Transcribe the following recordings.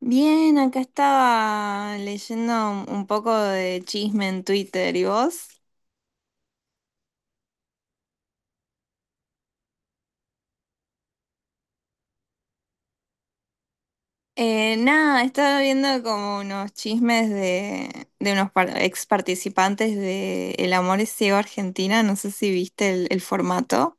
Bien, acá estaba leyendo un poco de chisme en Twitter, ¿y vos? Nada, estaba viendo como unos chismes de unos ex participantes de El Amor es Ciego Argentina, no sé si viste el formato.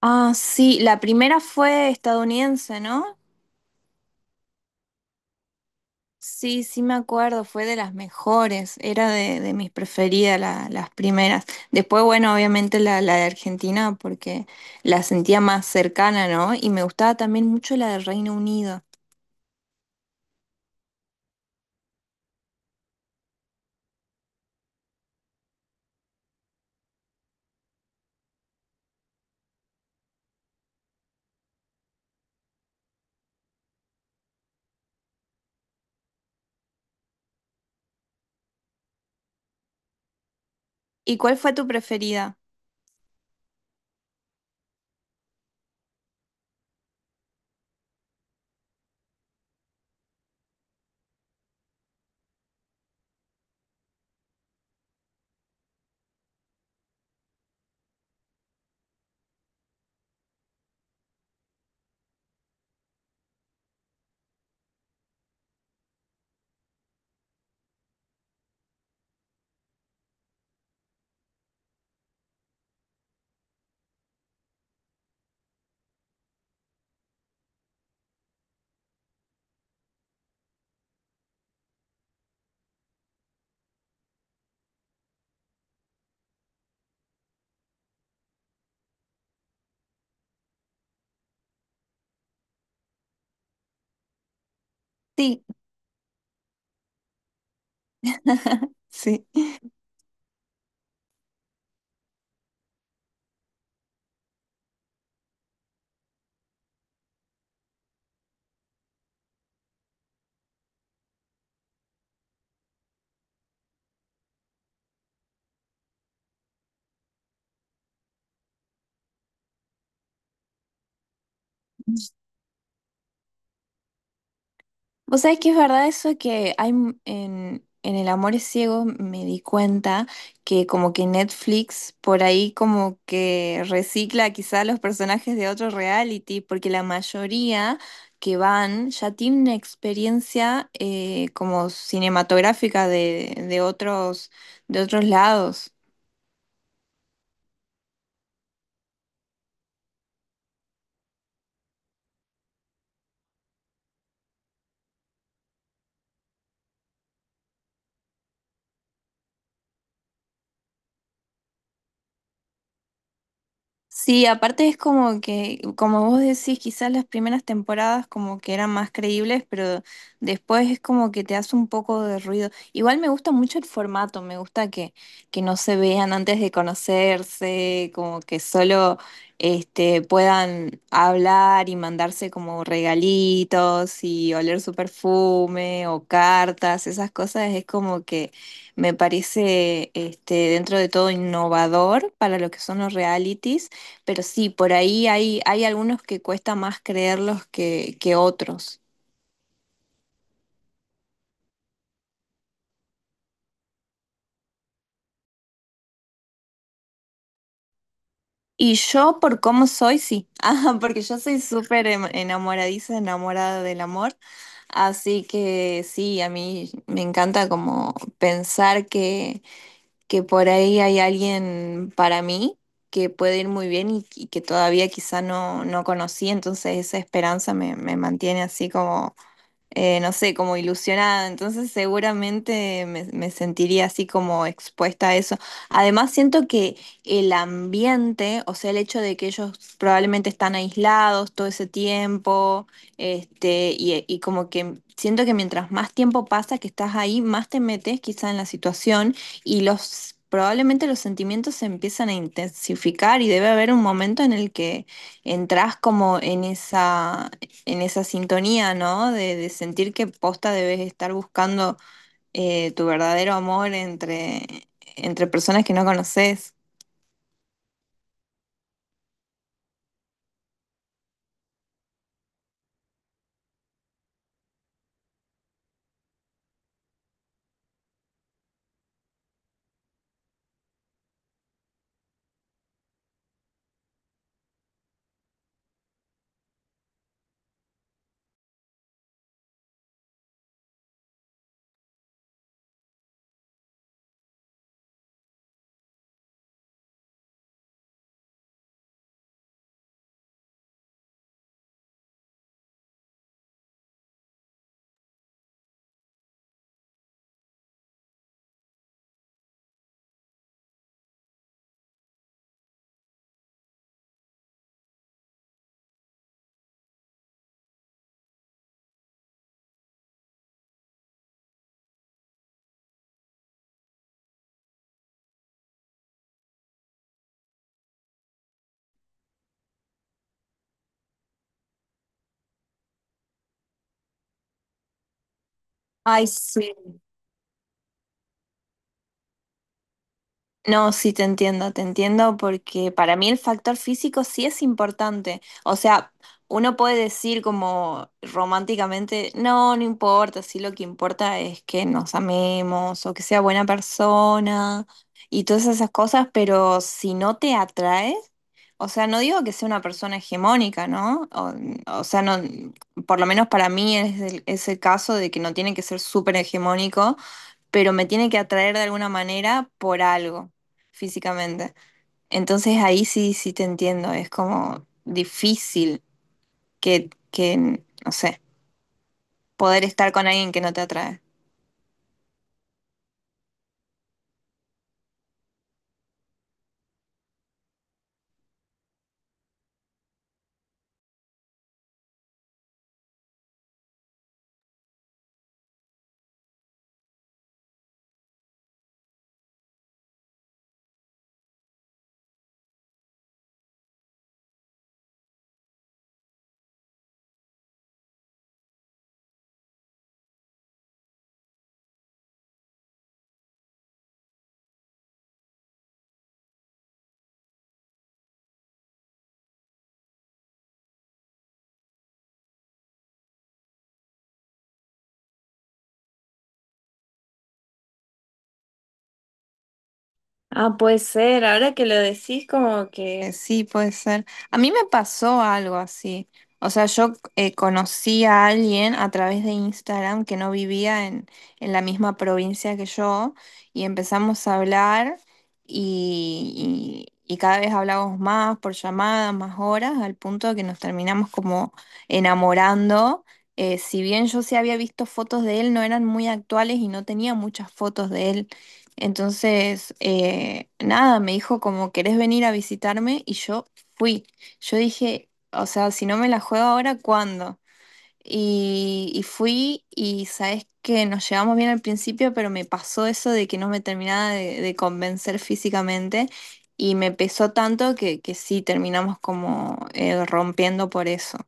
Ah, sí, la primera fue estadounidense, ¿no? Sí, sí me acuerdo, fue de las mejores, era de mis preferidas las primeras. Después, bueno, obviamente la de Argentina porque la sentía más cercana, ¿no? Y me gustaba también mucho la de Reino Unido. ¿Y cuál fue tu preferida? Sí, sí. Vos sabés que es verdad eso que hay en El Amor es Ciego, me di cuenta que como que Netflix por ahí como que recicla quizá los personajes de otro reality, porque la mayoría que van ya tienen una experiencia, como cinematográfica de otros lados. Sí, aparte es como que, como vos decís, quizás las primeras temporadas como que eran más creíbles, pero después es como que te hace un poco de ruido. Igual me gusta mucho el formato, me gusta que no se vean antes de conocerse, como que solo, puedan hablar y mandarse como regalitos y oler su perfume o cartas, esas cosas es como que me parece, dentro de todo innovador para lo que son los realities. Pero sí, por ahí hay algunos que cuesta más creerlos que otros. Y yo, por cómo soy, sí. Ah, porque yo soy súper enamoradiza, enamorada del amor. Así que sí, a mí me encanta como pensar que por ahí hay alguien para mí que puede ir muy bien y que todavía quizá no conocí. Entonces esa esperanza me mantiene así, no sé, como ilusionada, entonces seguramente me sentiría así como expuesta a eso. Además, siento que el ambiente, o sea, el hecho de que ellos probablemente están aislados todo ese tiempo, y como que siento que mientras más tiempo pasa que estás ahí, más te metes quizá en la situación. Probablemente los sentimientos se empiezan a intensificar y debe haber un momento en el que entras como en esa sintonía, ¿no? De sentir que posta debes estar buscando tu verdadero amor entre, entre personas que no conoces. Ay, sí. No, sí te entiendo porque para mí el factor físico sí es importante. O sea, uno puede decir como románticamente, no, no importa, sí lo que importa es que nos amemos o que sea buena persona y todas esas cosas, pero si no te atrae, o sea, no digo que sea una persona hegemónica, ¿no? O sea, no, por lo menos para mí es el, caso de que no tiene que ser súper hegemónico pero me tiene que atraer de alguna manera por algo físicamente. Entonces ahí sí, sí te entiendo, es como difícil que, no sé, poder estar con alguien que no te atrae. Ah, puede ser, ahora que lo decís como que, sí, puede ser. A mí me pasó algo así. O sea, yo, conocí a alguien a través de Instagram que no vivía en la misma provincia que yo y empezamos a hablar y cada vez hablábamos más por llamadas, más horas, al punto de que nos terminamos como enamorando. Si bien yo sí había visto fotos de él, no eran muy actuales y no tenía muchas fotos de él. Entonces, nada, me dijo como, ¿querés venir a visitarme? Y yo fui. Yo dije, o sea, si no me la juego ahora, ¿cuándo? Y fui y sabes que nos llevamos bien al principio, pero me pasó eso de que no me terminaba de convencer físicamente y me pesó tanto que sí terminamos como, rompiendo por eso.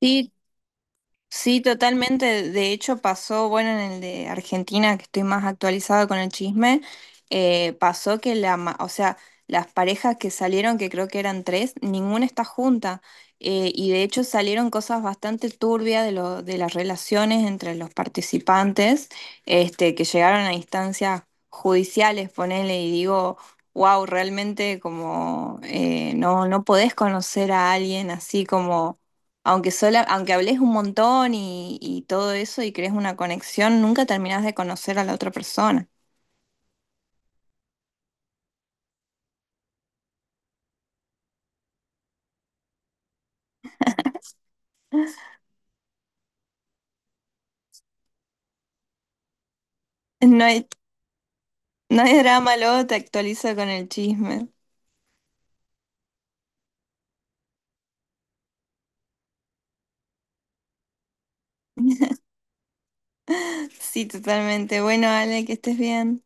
Sí, sí, totalmente. De hecho, pasó, bueno, en el de Argentina, que estoy más actualizada con el chisme, pasó que o sea, las parejas que salieron, que creo que eran tres, ninguna está junta. Y de hecho salieron cosas bastante turbias de las relaciones entre los participantes, que llegaron a instancias judiciales, ponele, y digo, wow, realmente como, no, no podés conocer a alguien así como, aunque hables un montón y todo eso y crees una conexión, nunca terminás de conocer a la otra persona. No hay, no hay drama, luego te actualizo con el chisme. Sí, totalmente. Bueno, Ale, que estés bien.